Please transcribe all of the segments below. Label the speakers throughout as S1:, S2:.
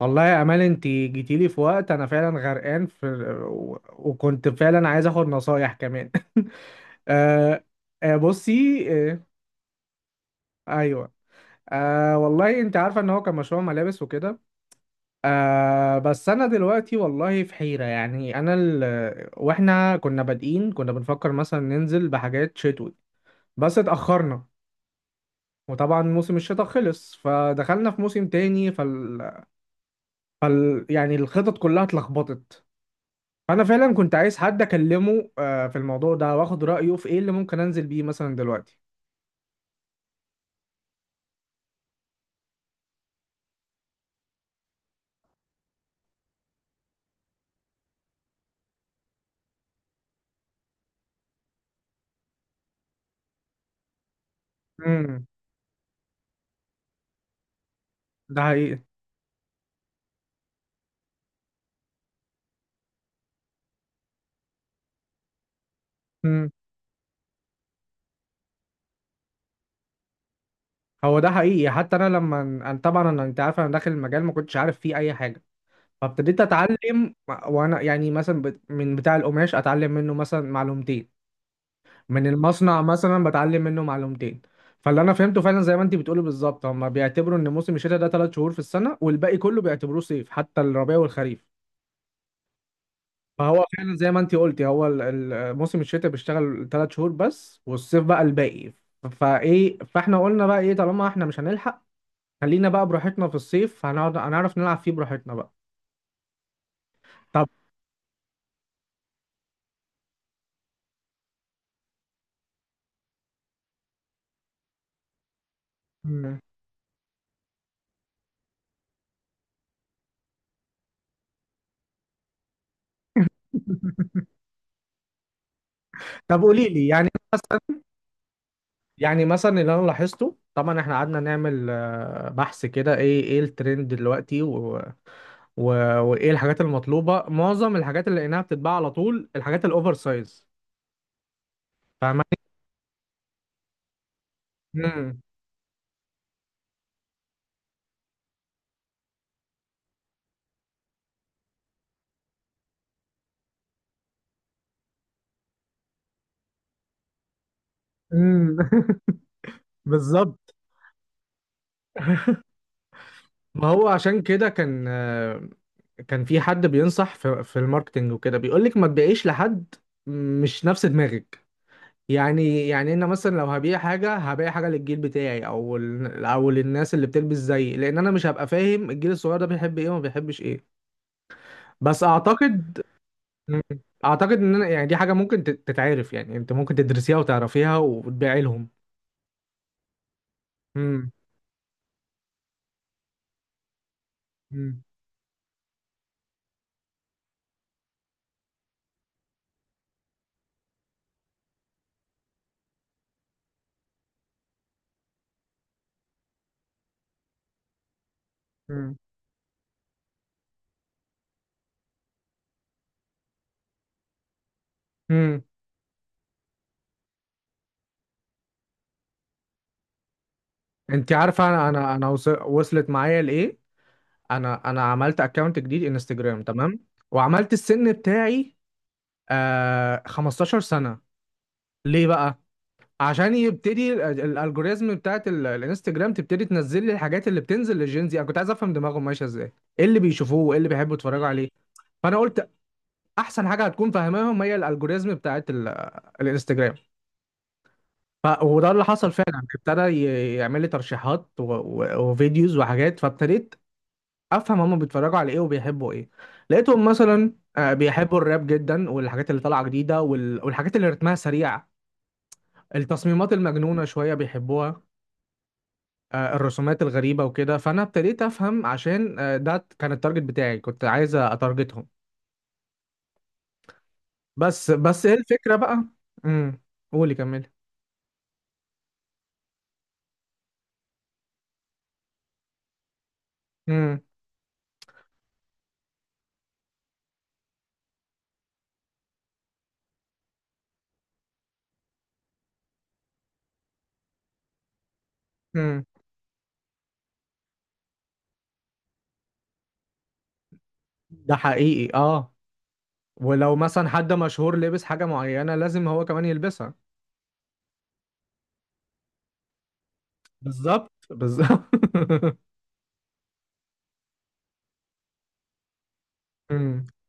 S1: والله يا امال، انت جيتيلي في وقت انا فعلا غرقان في وكنت فعلا عايز اخد نصايح كمان. آه آه، بصي. آه، ايوه. آه والله، انت عارفه ان هو كان مشروع ملابس وكده. آه بس انا دلوقتي والله في حيره. واحنا كنا بنفكر مثلا ننزل بحاجات شتوي بس اتاخرنا. وطبعا موسم الشتاء خلص فدخلنا في موسم تاني. يعني الخطط كلها اتلخبطت. انا فعلا كنت عايز حد اكلمه في الموضوع ده واخد رايه في ايه اللي ممكن انزل بيه مثلا دلوقتي. امم. ده حقيقي. امم. هو ده حقيقي. حتى انا لما انا طبعا انا انت عارف، انا داخل المجال ما كنتش عارف فيه اي حاجه فابتديت اتعلم. وانا يعني مثلا من بتاع القماش اتعلم منه مثلا معلومتين، من المصنع مثلا بتعلم منه معلومتين. فاللي انا فهمته فعلا زي ما انت بتقولي بالظبط، هم بيعتبروا ان موسم الشتاء ده ثلاث شهور في السنه، والباقي كله بيعتبروه صيف، حتى الربيع والخريف. فهو فعلا زي ما انت قلتي، موسم الشتاء بيشتغل ثلاث شهور بس، والصيف بقى الباقي. فايه؟ فاحنا قلنا بقى ايه طالما احنا مش هنلحق، خلينا بقى براحتنا في الصيف، هنقعد هنعرف نلعب فيه براحتنا بقى. طب. مم. طب قولي لي، يعني مثلا؟ يعني مثلا اللي انا لاحظته، طبعا احنا قعدنا نعمل بحث كده ايه الترند دلوقتي، و... وايه الحاجات المطلوبه. معظم الحاجات اللي لقيناها بتتباع على طول الحاجات الاوفر سايز. فاهماني. مم. مم. بالظبط. ما هو عشان كده كان كان في حد بينصح في الماركتنج وكده بيقول لك ما تبيعيش لحد مش نفس دماغك. يعني انا مثلا لو هبيع حاجه، هبيع حاجه للجيل بتاعي او للناس اللي بتلبس زيي، لان انا مش هبقى فاهم الجيل الصغير ده بيحب ايه وما بيحبش ايه. بس اعتقد. مم. اعتقد ان انا يعني دي حاجه ممكن تتعرف، يعني انت ممكن تدرسيها وتعرفيها وتبيعي لهم. امم. امم. امم. انت عارفه انا، وص- وصلت معايا لايه؟ انا انا عملت اكونت جديد انستجرام، تمام؟ وعملت السن بتاعي، آه، 15 سنة. ليه بقى؟ عشان يبتدي الالجوريزم بتاعت الانستجرام تبتدي تنزل لي الحاجات اللي بتنزل للجينزي. انا كنت عايز افهم دماغهم ماشية ازاي، ايه اللي بيشوفوه وايه اللي بيحبوا يتفرجوا عليه. فانا قلت احسن حاجة هتكون فاهماهم هي الالجوريزم بتاعت الانستجرام. وده اللي حصل فعلا، ابتدى يعمل لي ترشيحات وفيديوز وحاجات، فابتديت افهم هما بيتفرجوا على ايه وبيحبوا ايه. لقيتهم مثلا بيحبوا الراب جدا، والحاجات اللي طالعه جديده، والحاجات اللي رتمها سريع، التصميمات المجنونه شويه بيحبوها، آه، الرسومات الغريبه وكده. فانا ابتديت افهم عشان، آه، ده كان التارجت بتاعي، كنت عايز اتارجتهم. بس ايه الفكره بقى. امم. قولي كملي. امم. امم. ده حقيقي، اه. ولو مثلا حد مشهور لبس حاجه معينه لازم هو كمان يلبسها. بالظبط، بالظبط.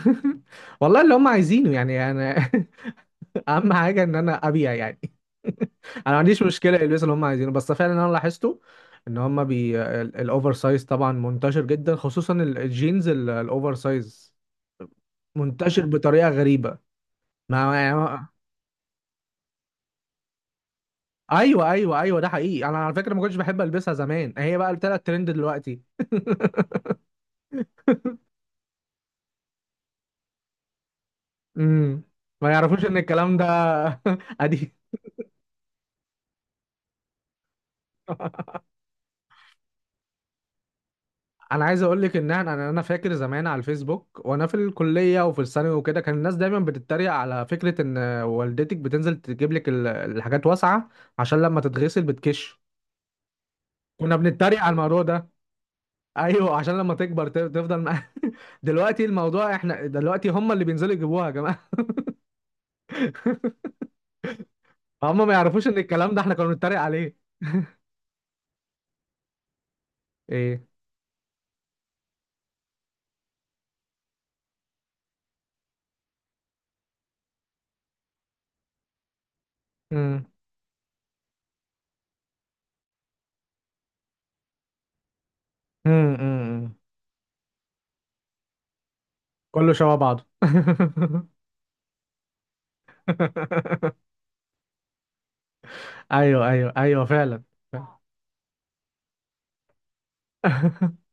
S1: والله اللي هم عايزينه، يعني انا، اهم حاجه ان انا ابيع يعني. انا ما عنديش مشكله يلبسوا اللي هم عايزينه، بس فعلا انا لاحظته ان هم بي الاوفر سايز طبعا منتشر جدا، خصوصا الجينز الاوفر سايز، منتشر بطريقه غريبه. ما ما- ايوه، ايوه، ده حقيقي. انا على فكره ما كنتش بحب البسها زمان، هي بقى طلعت ترند دلوقتي. امم. ما يعرفوش ان الكلام ده قديم. انا عايز اقول لك ان انا، انا أنا فاكر زمان على الفيسبوك، وانا في الكليه وفي الثانوي وكده، كان الناس دايما بتتريق على فكره ان والدتك بتنزل تجيب لك الحاجات واسعه عشان لما تتغسل بتكش. كنا بنتريق على الموضوع ده. ايوه، عشان لما تكبر تفضل دلوقتي الموضوع، احنا دلوقتي هم اللي بينزلوا يجيبوها يا جماعه. هم ما يعرفوش ان الكلام ده احنا كنا بنتريق عليه. ايه. امم. امم. أمم. كله شبه بعضه. ايوه، ايوه، فعلا.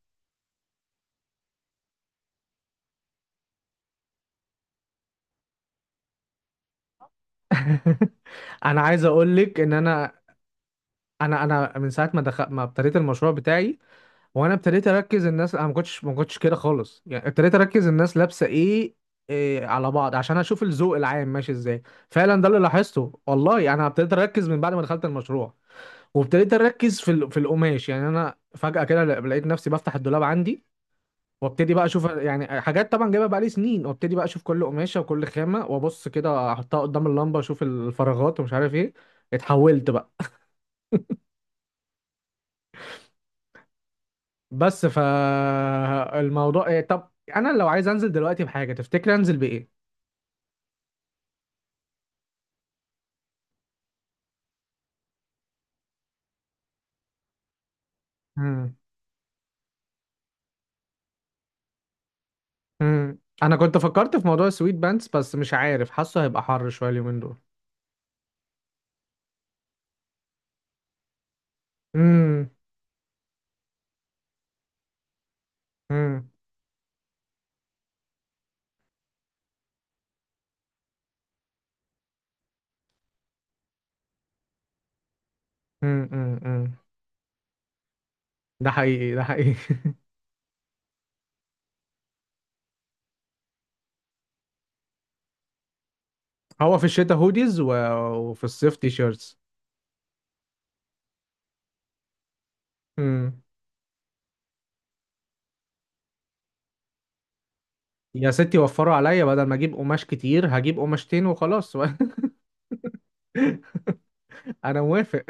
S1: انا عايز اقول لك ان انا، من ساعه ما دخل، ما ابتديت المشروع بتاعي وانا ابتديت اركز الناس، انا ما كنتش كده خالص. يعني ابتديت اركز الناس لابسه ايه، إيه على بعض، عشان اشوف الذوق العام ماشي ازاي. فعلا ده اللي لاحظته والله. انا ابتديت اركز من بعد ما دخلت المشروع، وابتديت اركز في القماش. يعني انا فجاه كده لقيت نفسي بفتح الدولاب عندي، وابتدي بقى اشوف يعني حاجات طبعا جايبها بقالي سنين، وابتدي بقى اشوف كل قماشه وكل خامه، وابص كده احطها قدام اللمبه، اشوف الفراغات ومش عارف ايه. اتحولت بقى. بس فالموضوع ايه، طب انا لو عايز انزل دلوقتي بحاجه، تفتكر انزل بايه؟ مم. مم. انا كنت فكرت في موضوع السويت بانس، بس مش عارف، حاسه هيبقى حر شويه اليومين دول. امم. امم. امم. ده حقيقي، ده حقيقي. هو في الشتاء هوديز وفي الصيف تي شيرتس. يا ستي، وفروا عليا، بدل ما اجيب قماش كتير هجيب قماشتين وخلاص. انا موافق.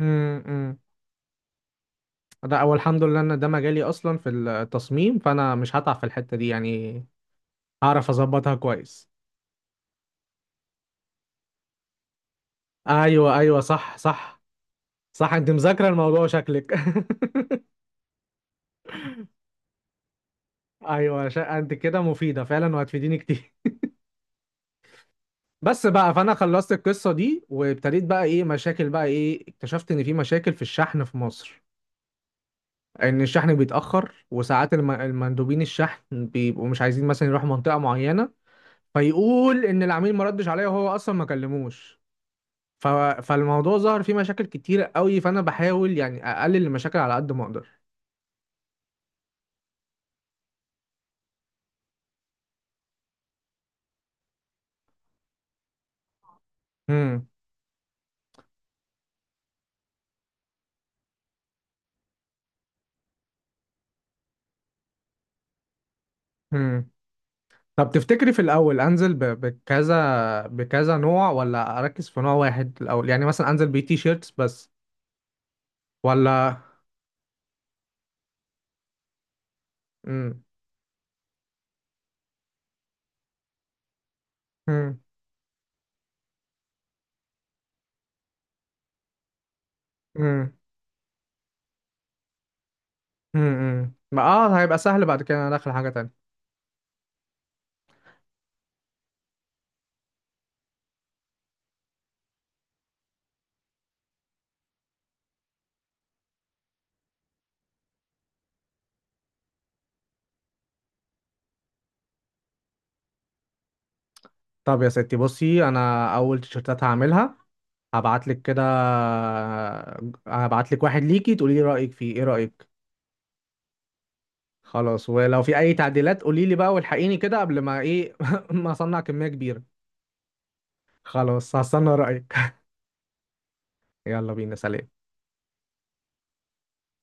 S1: أمم، أمم. ده اول الحمد لله ان ده مجالي اصلا في التصميم، فانا مش هتعب في الحتة دي يعني. هعرف اظبطها كويس. ايوه، صح، صح. انت مذاكرة الموضوع شكلك. ايوه، انت كده مفيدة فعلا، وهتفيديني كتير. بس بقى، فانا خلصت القصة دي، وابتديت بقى ايه مشاكل بقى. ايه، اكتشفت ان في مشاكل في الشحن في مصر. ان الشحن بيتاخر، وساعات المندوبين الشحن بيبقوا مش عايزين مثلا يروحوا منطقه معينه، فيقول ان العميل ما ردش عليا، وهو اصلا ما كلموش. ف... فالموضوع ظهر فيه مشاكل كتيره قوي، فانا بحاول يعني اقلل المشاكل على قد ما اقدر. امم. امم. طب تفتكري في الاول انزل بكذا، نوع ولا اركز في نوع واحد الاول؟ يعني مثلا انزل بتي شيرتس بس ولا. امم. امم. امم امم. ما اه، هيبقى سهل بعد كده انا داخل حاجه تانية. طب يا ستي بصي، انا اول تيشرتات هعملها هبعت لك كده، هبعت لك واحد ليكي تقولي لي رايك فيه. ايه رايك؟ خلاص، ولو في اي تعديلات قولي لي بقى والحقيني كده قبل ما ايه ما اصنع كميه كبيره. خلاص هستنى رايك. يلا بينا، سلام.